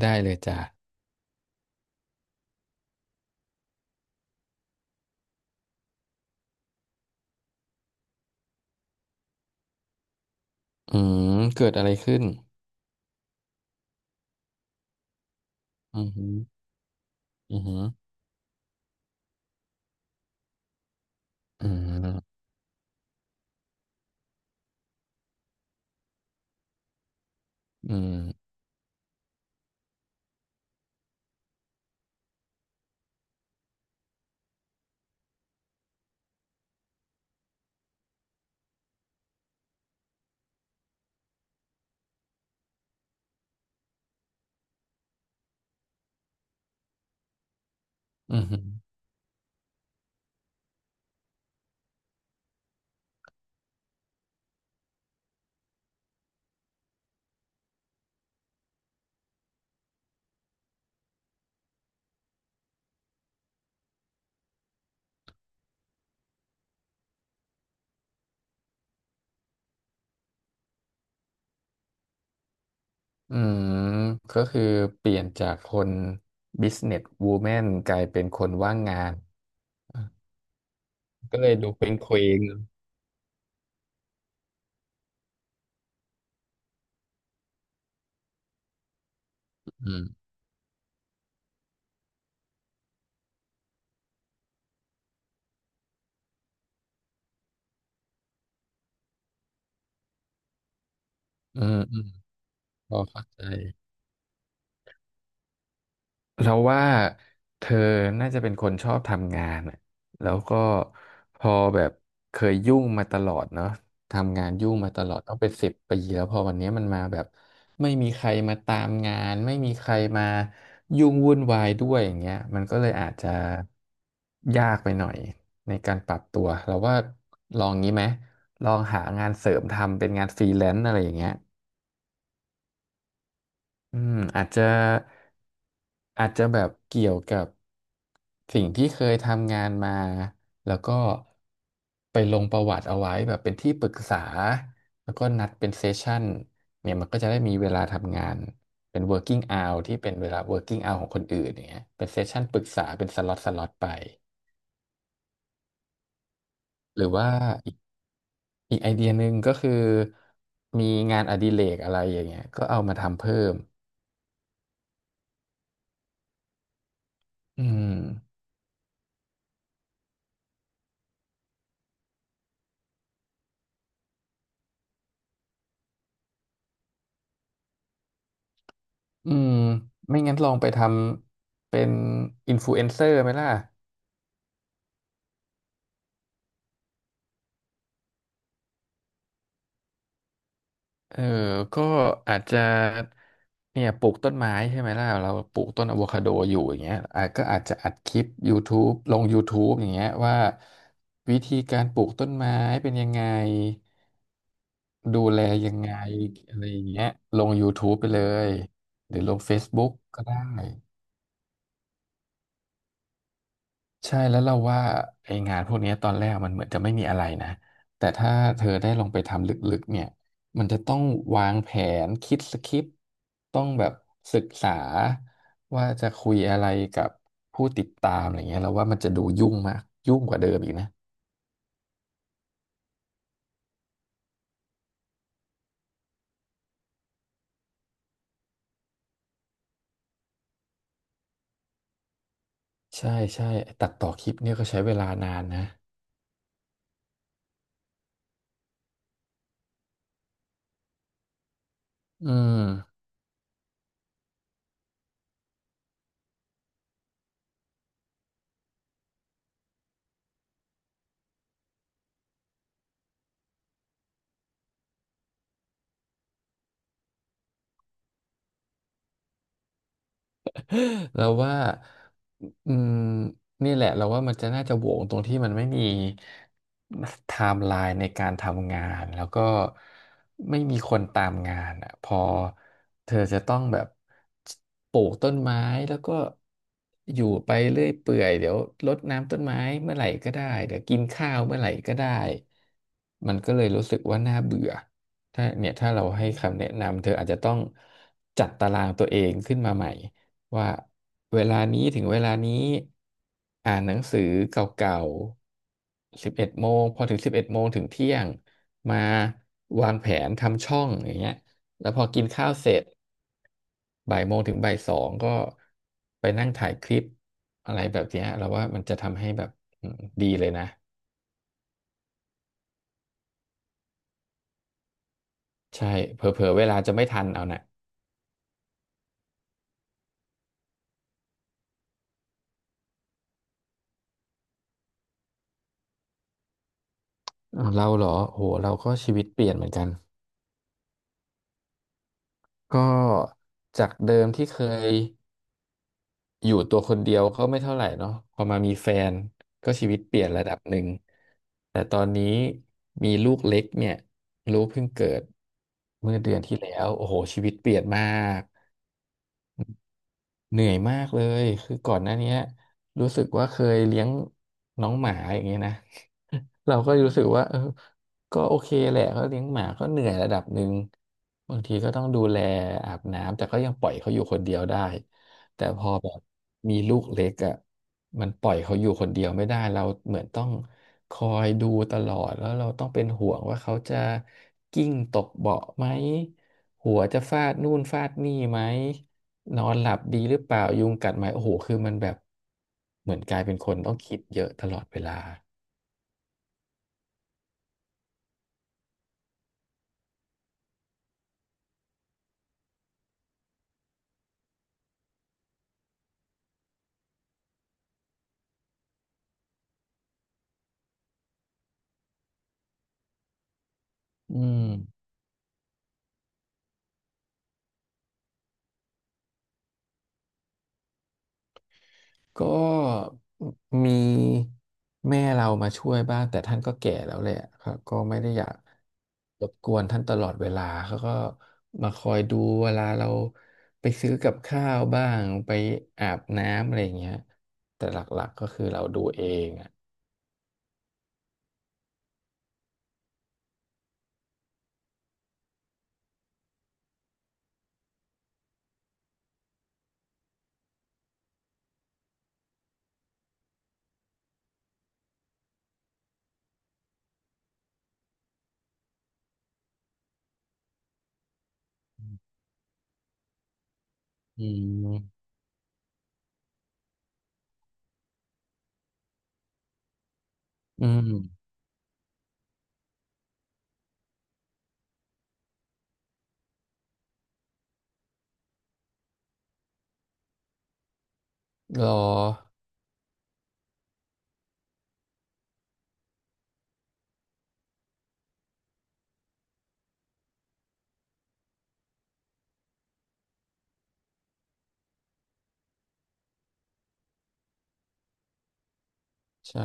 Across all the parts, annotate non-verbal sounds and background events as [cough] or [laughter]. ได้เลยจ้ะอืมเกิดอะไรขึ้นอืมอหืมออืมอืมอืมอืมก็คือเปลี่ยนจากคน business woman กลายเป็นคนว่างงาน ก็เลยดูเป็นเคว้งอืมอืมอืมพอเข้าใจ เราว่าเธอน่าจะเป็นคนชอบทำงานอะแล้วก็พอแบบเคยยุ่งมาตลอดเนาะทำงานยุ่งมาตลอดต้องเป็น10 ปีแล้วพอวันนี้มันมาแบบไม่มีใครมาตามงานไม่มีใครมายุ่งวุ่นวายด้วยอย่างเงี้ยมันก็เลยอาจจะยากไปหน่อยในการปรับตัวเราว่าลองงี้ไหมลองหางานเสริมทำเป็นงานฟรีแลนซ์อะไรอย่างเงี้ยอืมอาจจะ อาจจะแบบเกี่ยวกับสิ่งที่เคยทำงานมาแล้วก็ไปลงประวัติเอาไว้แบบเป็นที่ปรึกษาแล้วก็นัดเป็นเซสชั่นเนี่ยมันก็จะได้มีเวลาทำงานเป็น working hour ที่เป็นเวลา working hour ของคนอื่นอย่างเงี้ยเป็นเซสชั่นปรึกษาเป็นสล็อตสล็อตไปหรือว่าอีกอีกไอเดียหนึ่งก็คือมีงานอดิเรกอะไรอย่างเงี้ยก็เอามาทำเพิ่มอืม อืมไม่งั้นลองไปทำเป็นอินฟลูเอนเซอร์ไหมล่ะเออก็อาจจะเนี่ยปลูกต้นไม้ใช่ไหมล่ะเราปลูกต้นอะโวคาโดอยู่อย่างเงี้ยอาจจะอัดคลิป YouTube ลง YouTube อย่างเงี้ยว่าวิธีการปลูกต้นไม้เป็นยังไงดูแลยังไงอะไรอย่างเงี้ยลง YouTube ไปเลยหรือลง Facebook ก็ได้ ใช่แล้วเราว่าไองานพวกเนี้ยตอนแรกมันเหมือนจะไม่มีอะไรนะแต่ถ้าเธอได้ลงไปทำลึกๆเนี่ยมันจะต้องวางแผนคิดสคริปต์ต้องแบบศึกษาว่าจะคุยอะไรกับผู้ติดตามอะไรเงี้ยเราว่ามันจะดูยุ่งมากยุ่งกว่าเดิมอีกนะใช่ใช่ไอ้ตัดต่อคลิปเนี่ยก็ใช้เวลานานนะอืม [laughs] เราว่าอืมนี่แหละเราว่ามันจะน่าจะโหวงตรงที่มันไม่มีไทม์ไลน์ในการทำงานแล้วก็ไม่มีคนตามงานอ่ะพอเธอจะต้องแบบปลูกต้นไม้แล้วก็อยู่ไปเรื่อยเปื่อยเดี๋ยวรดน้ำต้นไม้เมื่อไหร่ก็ได้เดี๋ยวกินข้าวเมื่อไหร่ก็ได้มันก็เลยรู้สึกว่าน่าเบื่อถ้าเนี่ยถ้าเราให้คำแนะนำเธออาจจะต้องจัดตารางตัวเองขึ้นมาใหม่ ว่าเวลานี้ถึงเวลานี้อ่านหนังสือเก่าๆสิบเอ็ดโมงพอถึงสิบเอ็ดโมงถึงเที่ยงมาวางแผนทำช่องอย่างเงี้ยแล้วพอกินข้าวเสร็จบ่ายโมงถึงบ่ายสองก็ไปนั่งถ่ายคลิปอะไรแบบเนี้ยเราว่ามันจะทำให้แบบอืมดีเลยนะใช่เผลอๆเวลาจะไม่ทันเอานะอ้าวเราเหรอโหเราก็ชีวิตเปลี่ยนเหมือนกันก็จากเดิมที่เคย อยู่ตัวคนเดียวก็ไม่เท่าไหร่เนาะพอมามีแฟนก็ชีวิตเปลี่ยนระดับหนึ่งแต่ตอนนี้มีลูกเล็กเนี่ยลูกเพิ่งเกิดเมื่อเดือนที่แล้วโอ้โหชีวิตเปลี่ยนมาก เหนื่อยมากเลยคือก่อนหน้าเนี้ยรู้สึกว่าเคยเลี้ยงน้องหมาอย่างเงี้ยนะ [laughs] เราก็รู้สึกว่าเออก็โอเคแหละเขาเลี้ยงหมาก็เหนื่อยระดับหนึ่งบางทีก็ต้องดูแลอาบน้ำแต่ก็ยังปล่อยเขาอยู่คนเดียวได้แต่พอแบบมีลูกเล็กอ่ะมันปล่อยเขาอยู่คนเดียวไม่ได้เราเหมือนต้องคอยดูตลอด แล้วเราต้องเป็นห่วงว่าเขาจะกิ้งตกเบาะไหม หัวจะฟาดนู่นฟาดนี่ไหมนอนหลับดีหรือเปล่ายุงกัดไหมโอ้โหคือมันแบบเหมือนกลายเป็นคนต้องคิดเยอะตลอดเวลาอืมก็มีแม่เรามาช่วยบ้างแต่ท่านก็แก่แล้วแหละครับก็ไม่ได้อยากรบกวนท่านตลอดเวลาเขาก็มาคอยดูเวลาเราไปซื้อกับข้าวบ้างไปอาบน้ำอะไรอย่างเงี้ยแต่หลักๆก็คือเราดูเองอ่ะอืมอืมรอ ใช่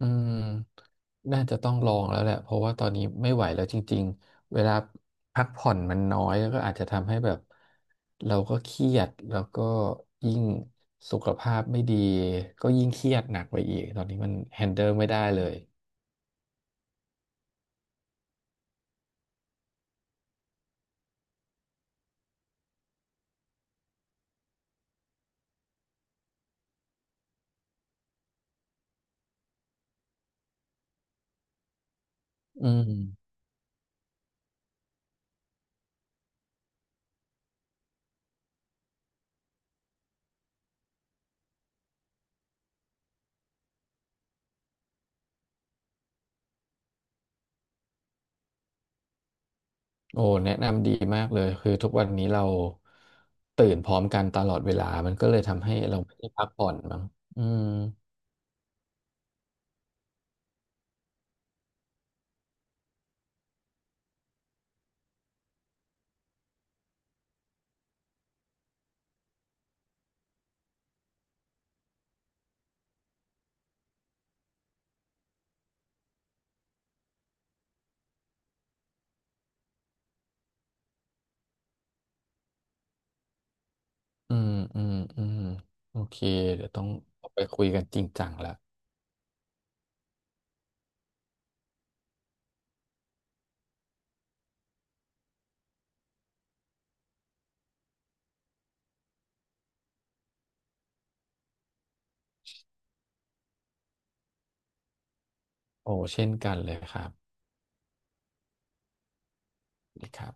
อืมน่าจะต้องลองแล้วแหละเพราะว่าตอนนี้ไม่ไหวแล้วจริงๆ เวลาพักผ่อนมันน้อยแล้วก็อาจจะทำให้แบบเราก็เครียดแล้วก็ยิ่งสุขภาพไม่ดีก็ยิ่งเครียดหนักไปอีกตอนนี้มันแฮนเดิลไม่ได้เลยอืมโอ้แนะนำดีมากเลยคือทุกวันนี้เราตื่นพร้อมกันตลอดเวลามันก็เลยทำให้เราไม่ได้พักผ่อนมั้งอืมอืมอืมอืมโอเคเดี๋ยวต้องเอาไปคุยกันจริงจังละ โอ้เช่นกันเลยครับนีครับ